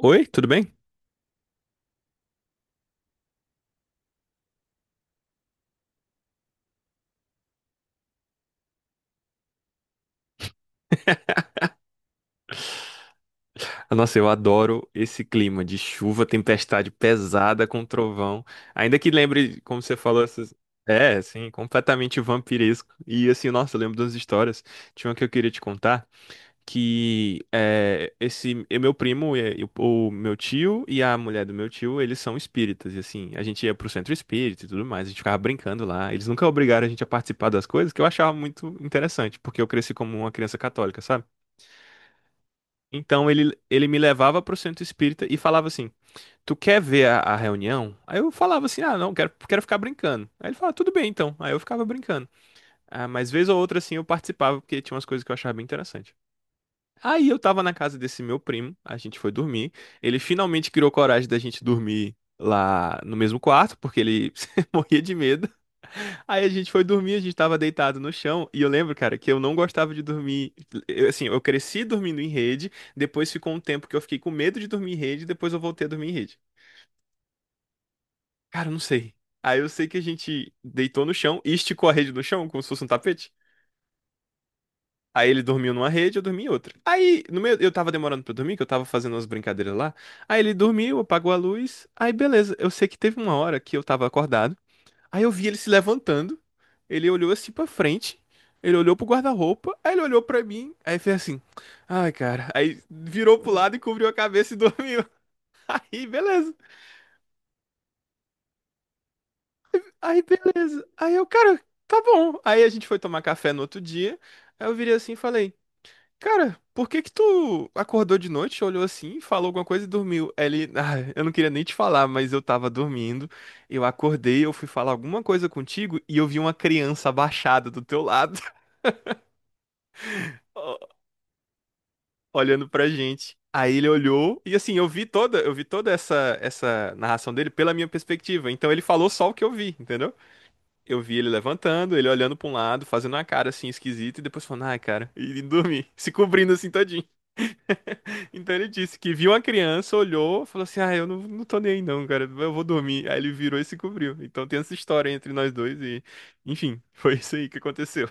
Oi, tudo bem? Nossa, eu adoro esse clima de chuva, tempestade pesada com trovão. Ainda que lembre, como você falou, essas... É, assim, completamente vampiresco. E assim, nossa, eu lembro das histórias. Tinha uma que eu queria te contar, que é, esse e meu primo, e o o meu tio e a mulher do meu tio, eles são espíritas. E assim, a gente ia pro centro espírita e tudo mais, a gente ficava brincando lá. Eles nunca obrigaram a gente a participar das coisas, que eu achava muito interessante, porque eu cresci como uma criança católica, sabe? Então ele me levava pro centro espírita e falava assim: Tu quer ver a reunião? Aí eu falava assim: Ah, não, quero, quero ficar brincando. Aí ele falava: Tudo bem então. Aí eu ficava brincando. Ah, mas vez ou outra assim eu participava porque tinha umas coisas que eu achava bem interessante. Aí eu tava na casa desse meu primo, a gente foi dormir. Ele finalmente criou coragem da gente dormir lá no mesmo quarto, porque ele morria de medo. Aí a gente foi dormir, a gente tava deitado no chão, e eu lembro, cara, que eu não gostava de dormir. Eu, assim, eu cresci dormindo em rede, depois ficou um tempo que eu fiquei com medo de dormir em rede, depois eu voltei a dormir em rede. Cara, eu não sei. Aí eu sei que a gente deitou no chão e esticou a rede no chão, como se fosse um tapete. Aí ele dormiu numa rede, eu dormi em outra. Aí, no meio, eu tava demorando pra dormir, que eu tava fazendo umas brincadeiras lá. Aí ele dormiu, apagou a luz. Aí beleza, eu sei que teve uma hora que eu tava acordado. Aí eu vi ele se levantando, ele olhou assim pra frente, ele olhou pro guarda-roupa, aí ele olhou pra mim, aí fez assim, ai cara, aí virou pro lado e cobriu a cabeça e dormiu. Aí beleza, aí beleza. Aí eu, cara, tá bom. Aí a gente foi tomar café no outro dia, aí eu virei assim e falei, cara, por que que tu acordou de noite, olhou assim, falou alguma coisa e dormiu? Aí ele, ah, eu não queria nem te falar, mas eu tava dormindo, eu acordei, eu fui falar alguma coisa contigo e eu vi uma criança abaixada do teu lado. olhando pra gente. Aí ele olhou e assim, eu vi toda essa narração dele pela minha perspectiva. Então ele falou só o que eu vi, entendeu? Eu vi ele levantando, ele olhando pra um lado, fazendo uma cara assim esquisita e depois falando: "Ai, cara", e dormir, se cobrindo assim todinho. Então ele disse que viu uma criança, olhou, falou assim: "Ah, eu não, não tô nem aí não, cara, eu vou dormir". Aí ele virou e se cobriu. Então tem essa história entre nós dois e, enfim, foi isso aí que aconteceu.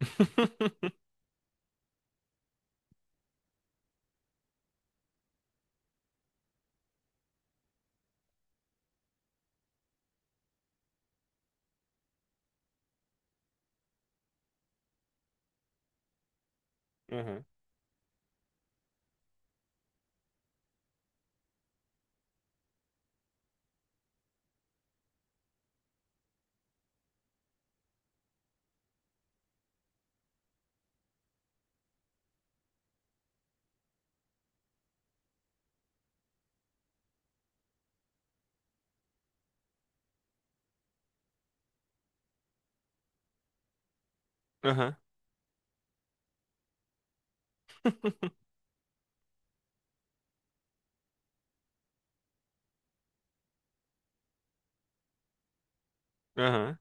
Aham. Aham. Aham.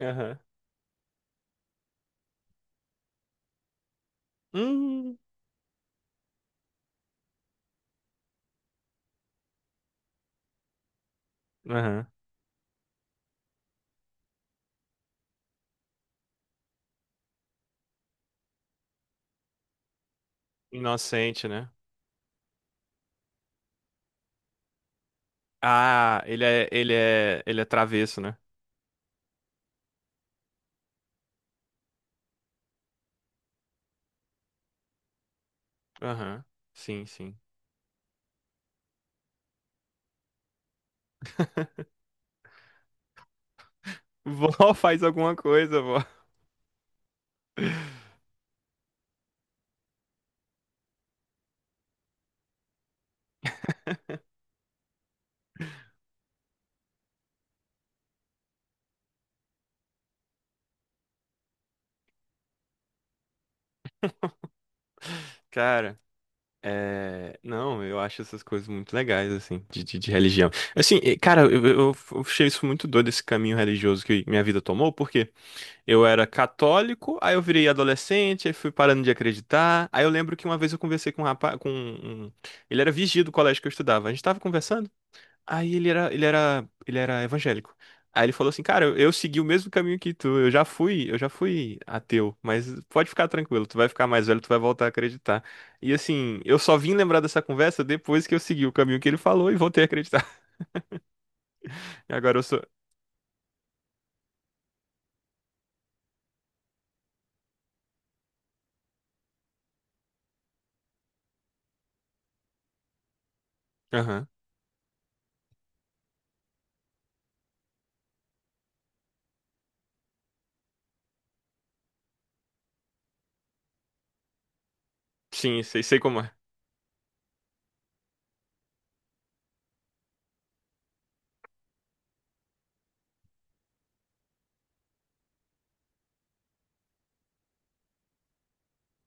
Aham. Hum. Aham. Inocente, né? Ah, ele é travesso, né? Aham. Sim, sim. Vó, faz alguma coisa, vó. Cara, é... Não, eu acho essas coisas muito legais, assim, de religião. Assim, cara, eu achei isso muito doido, esse caminho religioso que minha vida tomou, porque eu era católico, aí eu virei adolescente, aí fui parando de acreditar. Aí eu lembro que uma vez eu conversei com um rapaz, ele era vigia do colégio que eu estudava. A gente tava conversando, aí ele era evangélico. Aí ele falou assim, cara, eu segui o mesmo caminho que tu, eu já fui ateu, mas pode ficar tranquilo, tu vai ficar mais velho, tu vai voltar a acreditar. E assim, eu só vim lembrar dessa conversa depois que eu segui o caminho que ele falou e voltei a acreditar. Agora eu sou. Aham. Sim, sei, sei como é.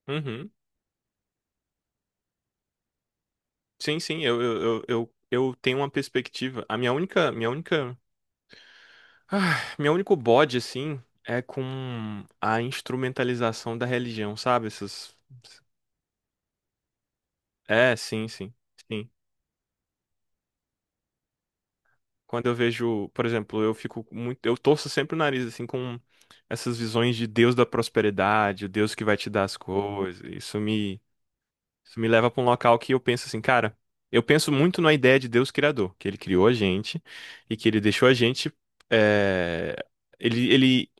Uhum. Sim, sim, eu tenho uma perspectiva. A minha única, ah, meu único bode assim é com a instrumentalização da religião, sabe? Essas é, sim, sim, sim. Quando eu vejo, por exemplo, eu fico muito, eu torço sempre o nariz assim com essas visões de Deus da prosperidade, o Deus que vai te dar as coisas. Isso me leva para um local que eu penso assim, cara, eu penso muito na ideia de Deus criador, que ele criou a gente e que ele deixou a gente, eh, ele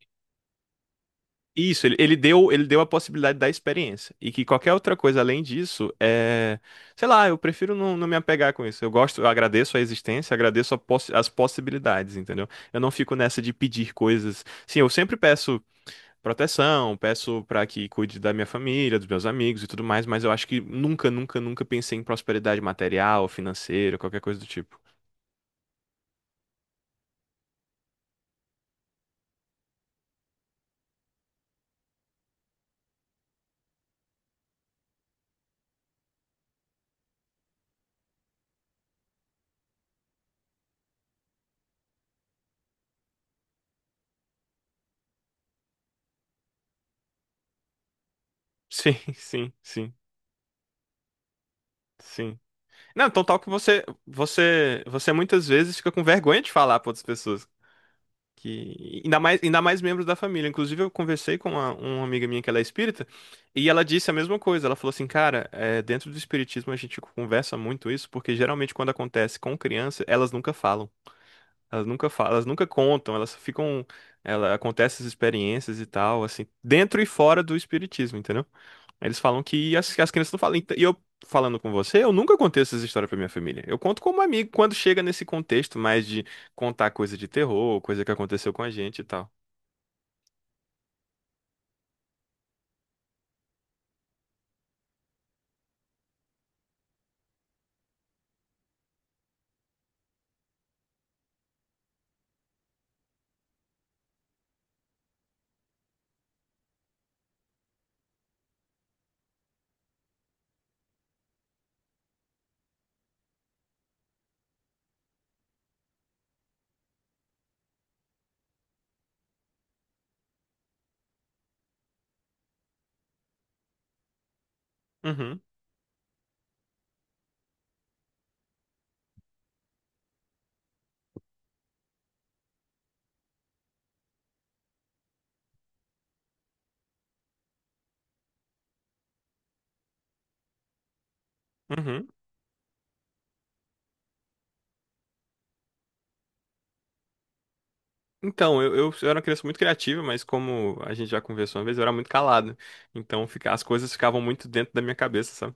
isso, ele deu a possibilidade da experiência. E que qualquer outra coisa além disso é. Sei lá, eu prefiro não me apegar com isso. Eu gosto, eu agradeço a existência, agradeço a as possibilidades, entendeu? Eu não fico nessa de pedir coisas. Sim, eu sempre peço proteção, peço pra que cuide da minha família, dos meus amigos e tudo mais, mas eu acho que nunca, nunca, nunca pensei em prosperidade material, financeira, qualquer coisa do tipo. Sim, sim, sim. Sim. Não, então tal que você muitas vezes fica com vergonha de falar para outras pessoas. Que... ainda mais membros da família. Inclusive, eu conversei com uma amiga minha que ela é espírita e ela disse a mesma coisa. Ela falou assim, cara, é, dentro do espiritismo a gente conversa muito isso, porque geralmente quando acontece com criança, elas nunca falam. Elas nunca falam, elas nunca contam, elas ficam. Ela, acontece essas experiências e tal, assim, dentro e fora do espiritismo, entendeu? Eles falam que as crianças não falam. Falando com você, eu nunca contei essas histórias pra minha família. Eu conto como amigo quando chega nesse contexto mais de contar coisa de terror, coisa que aconteceu com a gente e tal. Uhum, uhum. Então, eu era uma criança muito criativa, mas como a gente já conversou uma vez, eu era muito calado. Então, fica, as coisas ficavam muito dentro da minha cabeça, sabe?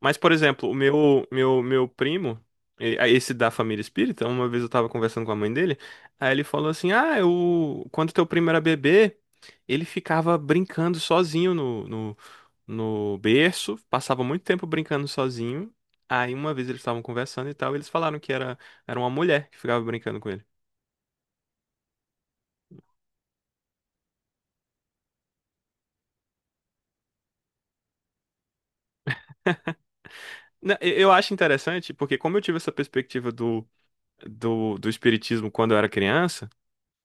Mas, por exemplo, o meu primo, esse da família espírita, uma vez eu tava conversando com a mãe dele, aí ele falou assim: Ah, eu, quando teu primo era bebê, ele ficava brincando sozinho no berço, passava muito tempo brincando sozinho. Aí uma vez eles estavam conversando e tal, eles falaram que era, era uma mulher que ficava brincando com ele. Eu acho interessante, porque como eu tive essa perspectiva do espiritismo quando eu era criança.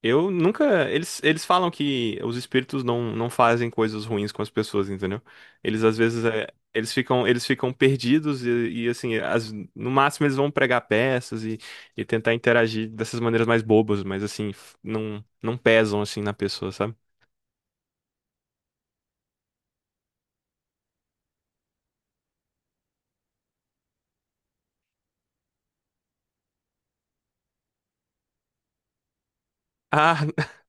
Eu nunca. Eles falam que os espíritos não fazem coisas ruins com as pessoas, entendeu? Eles às vezes é, eles ficam perdidos assim, no máximo eles vão pregar peças e tentar interagir dessas maneiras mais bobas, mas assim, não, não pesam assim na pessoa, sabe? Ah,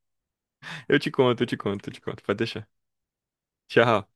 eu te conto. Pode deixar. Tchau.